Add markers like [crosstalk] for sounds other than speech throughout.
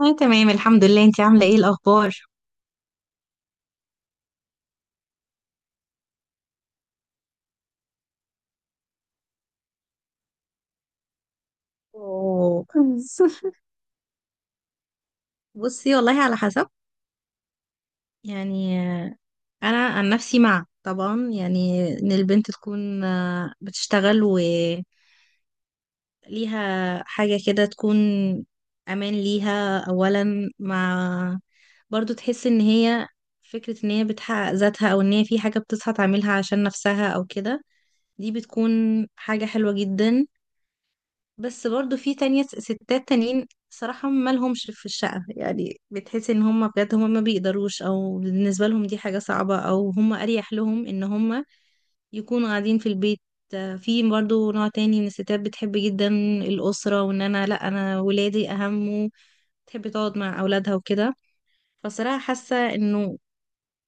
أنا تمام الحمد لله، انتي عاملة ايه الأخبار؟ أوه. [laughs] بصي والله على حسب. يعني أنا عن نفسي مع، طبعا يعني إن البنت تكون بتشتغل وليها حاجة كده، تكون أمان ليها أولا، مع برضو تحس إن هي فكرة إن هي بتحقق ذاتها، أو إن هي في حاجة بتصحى تعملها عشان نفسها أو كده، دي بتكون حاجة حلوة جدا. بس برضو في تانية، ستات تانيين صراحة ما لهمش في الشقة، يعني بتحس ان هم بجد ما بيقدروش، او بالنسبة لهم دي حاجة صعبة، او هم اريح لهم ان هم يكونوا قاعدين في البيت. في برضو نوع تاني من الستات بتحب جدا الأسرة، وان انا لا، انا ولادي اهم، تحب تقعد مع اولادها وكده. فصراحة حاسة انه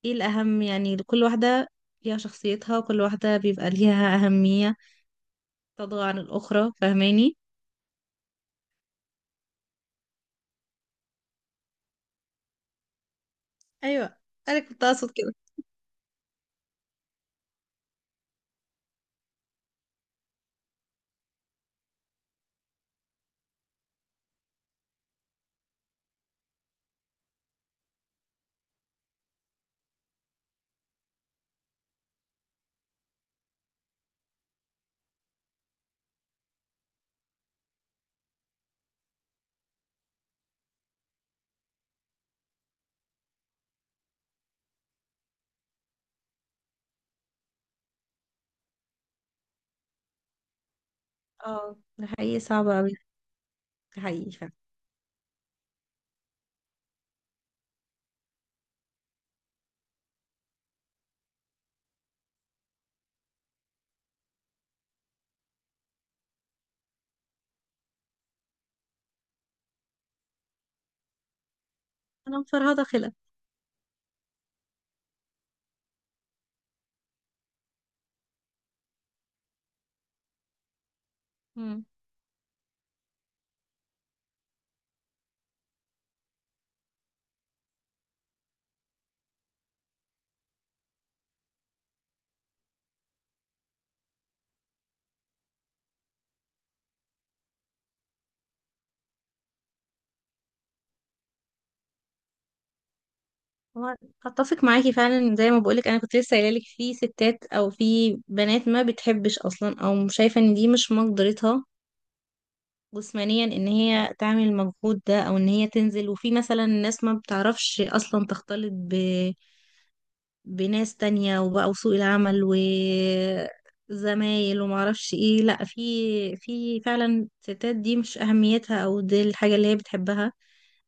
ايه الاهم، يعني لكل واحدة ليها شخصيتها، وكل واحدة بيبقى ليها أهمية تضغى عن الأخرى، فاهماني؟ ايوه، انا كنت اقصد كده. اه ده حقيقي صعب أوي. ده حقيقي فعلا. أنا مفرهدة خلق. مم. هو اتفق معاكي فعلا، زي ما بقولك انا كنت لسه قايله لك، في ستات او في بنات ما بتحبش اصلا، او شايفه ان دي مش مقدرتها جسمانيا ان هي تعمل المجهود ده، او ان هي تنزل، وفي مثلا ناس ما بتعرفش اصلا تختلط بناس تانية، وبقى سوق العمل وزمايل ومعرفش ايه، لأ في، في فعلا ستات دي مش أهميتها أو دي الحاجة اللي هي بتحبها.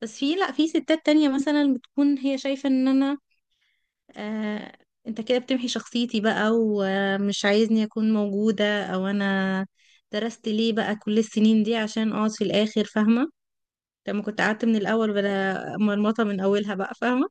بس في، لأ في ستات تانية مثلا بتكون هي شايفة ان انا، آه انت كده بتمحي شخصيتي بقى ومش عايزني اكون موجودة، او انا درست ليه بقى كل السنين دي عشان اقعد في الآخر، فاهمة؟ لما كنت قعدت من الأول بلا مرمطة من أولها بقى، فاهمة؟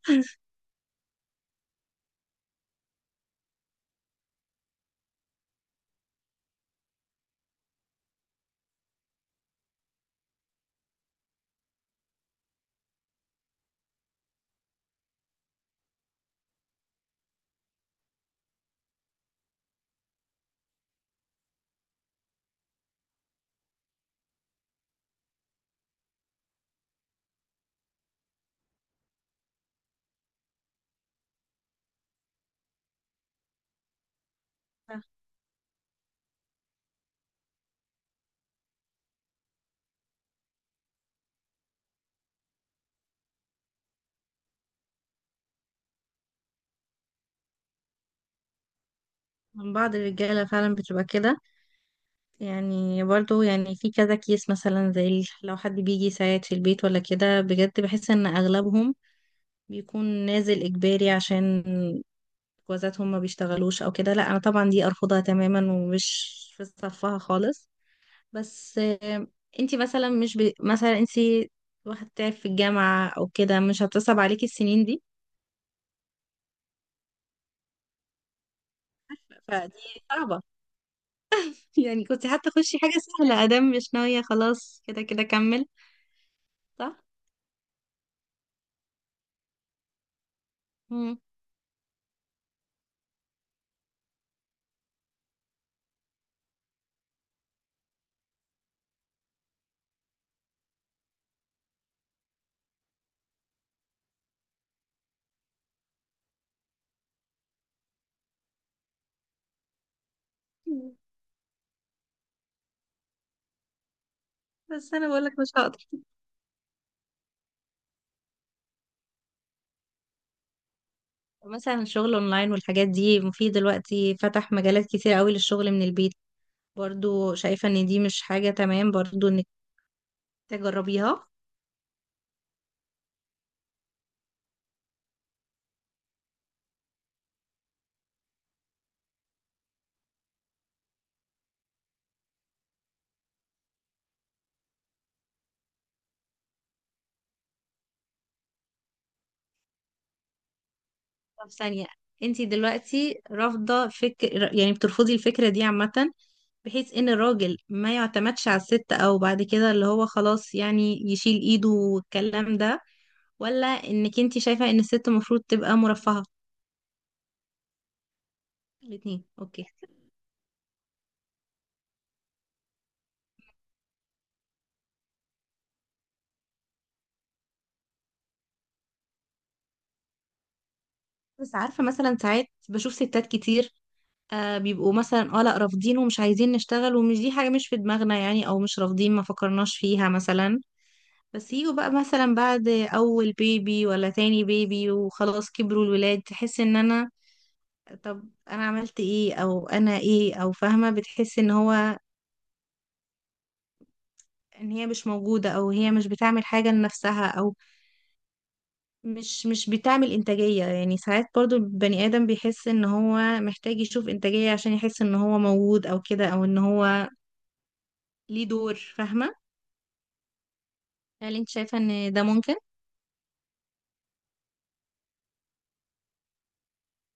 من بعض الرجالة فعلا بتبقى كده، يعني برضو يعني في كذا كيس مثلا، زي لو حد بيجي يساعد في البيت ولا كده، بجد بحس ان اغلبهم بيكون نازل اجباري، عشان جوازاتهم ما بيشتغلوش او كده. لا انا طبعا دي ارفضها تماما، ومش في صفها خالص. بس انتي مثلا مش مثلا انتي واحد تعب في الجامعة او كده، مش هتصعب عليكي السنين دي؟ فدي صعبة. [laughs] يعني كنت حتى تخشي حاجة سهلة، ادام مش ناوية خلاص، كده كده كمل. صح؟ مم. بس انا بقولك مش هقدر. مثلا الشغل اونلاين والحاجات دي، في دلوقتي فتح مجالات كتير قوي للشغل من البيت، برضو شايفة ان دي مش حاجة تمام برضو انك تجربيها؟ طب ثانية، انتي دلوقتي رافضة فكر، يعني بترفضي الفكرة دي عامة، بحيث ان الراجل ما يعتمدش على الست، او بعد كده اللي هو خلاص يعني يشيل ايده والكلام ده، ولا انك انتي شايفة ان الست المفروض تبقى مرفهة؟ الاتنين، اوكي. بس عارفة مثلا ساعات بشوف ستات كتير، آه بيبقوا مثلا، اه لا رافضين، ومش عايزين نشتغل، ومش دي حاجة مش في دماغنا يعني، او مش رافضين، ما فكرناش فيها مثلا. بس يجوا بقى مثلا بعد اول بيبي ولا تاني بيبي، وخلاص كبروا الولاد، تحس ان انا، طب انا عملت ايه؟ او انا ايه؟ او فاهمة، بتحس ان هو، ان هي مش موجودة، او هي مش بتعمل حاجة لنفسها، او مش بتعمل انتاجية، يعني ساعات برضو البني ادم بيحس ان هو محتاج يشوف انتاجية، عشان يحس ان هو موجود او كده، او ان هو ليه دور، فاهمة؟ هل انت شايفة ان ده ممكن؟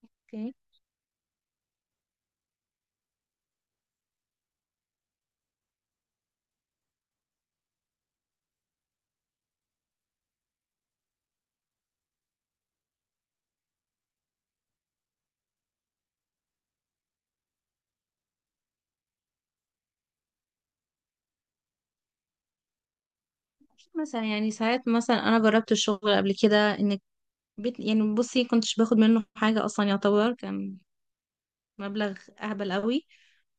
اوكي. مثلا يعني ساعات، مثلا انا جربت الشغل قبل كده، انك بيت، يعني بصي كنتش باخد منه حاجة اصلا، يعتبر كان مبلغ اهبل قوي.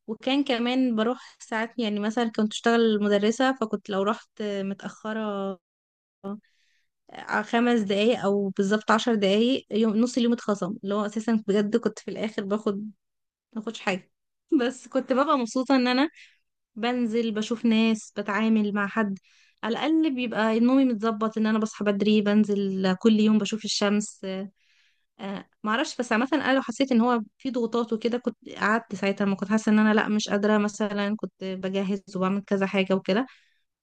وكان كمان بروح ساعات، يعني مثلا كنت اشتغل مدرسة، فكنت لو رحت متأخرة 5 دقايق او بالظبط 10 دقايق، يوم نص اليوم اتخصم، اللي هو اساسا بجد كنت في الاخر باخد ماخدش حاجة. [laughs] بس كنت ببقى مبسوطة ان انا بنزل بشوف ناس، بتعامل مع حد، على الأقل بيبقى نومي متظبط، إن أنا بصحى بدري بنزل كل يوم بشوف الشمس. معرفش، بس عامة أنا لو حسيت إن هو في ضغوطات وكده كنت قعدت ساعتها، ما كنت حاسة إن أنا لأ مش قادرة، مثلا كنت بجهز وبعمل كذا حاجة وكده،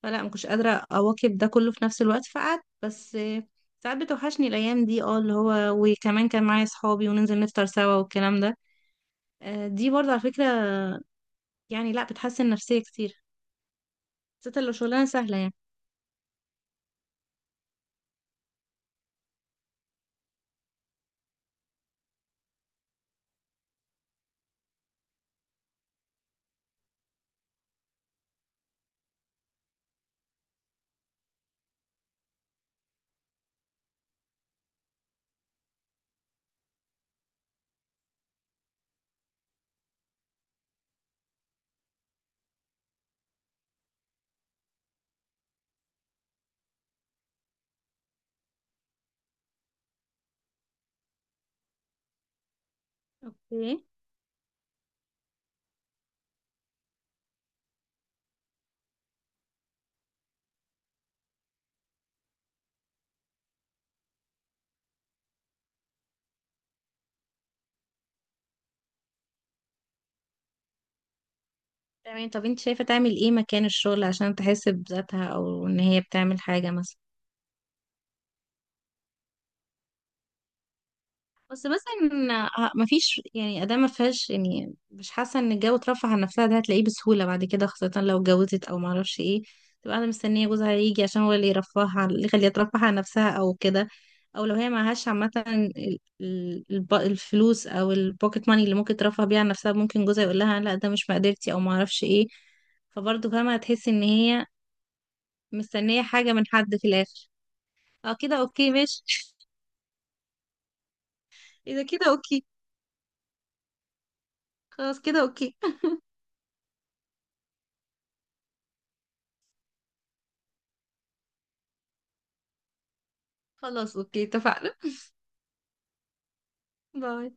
فلا ما كنتش قادرة أواكب ده كله في نفس الوقت، فقعدت. بس ساعات بتوحشني الأيام دي، اه اللي هو وكمان كان معايا صحابي وننزل نفطر سوا والكلام ده. دي برضه على فكرة، يعني لأ بتحسن نفسية كتير، خاصة لو شغلانة سهلة يعني. اوكي تمام. طب انت شايفة تعمل ايه مكان الشغل، عشان تحس بذاتها او ان هي بتعمل حاجة مثلا. بس مثلا مفيش يعني، ادام ما فيهاش، يعني مش حاسة ان الجو ترفه عن نفسها ده هتلاقيه بسهولة بعد كده، خاصة لو اتجوزت او معرفش ايه، تبقى قاعدة مستنية جوزها يجي، عشان هو اللي يرفهها اللي يخليها ترفه عن نفسها او كده. او لو هي معهاش عامة الفلوس او البوكيت ماني اللي ممكن ترفه بيها عن نفسها، ممكن جوزها يقول لها لا ده مش مقدرتي او معرفش ايه، فبرضه فاهمة هتحس ان هي مستنية حاجة من حد في الآخر. اه كده اوكي ماشي. [laughs] اذا كده اوكي. خلاص كده اوكي. خلاص اوكي اتفقنا. باي.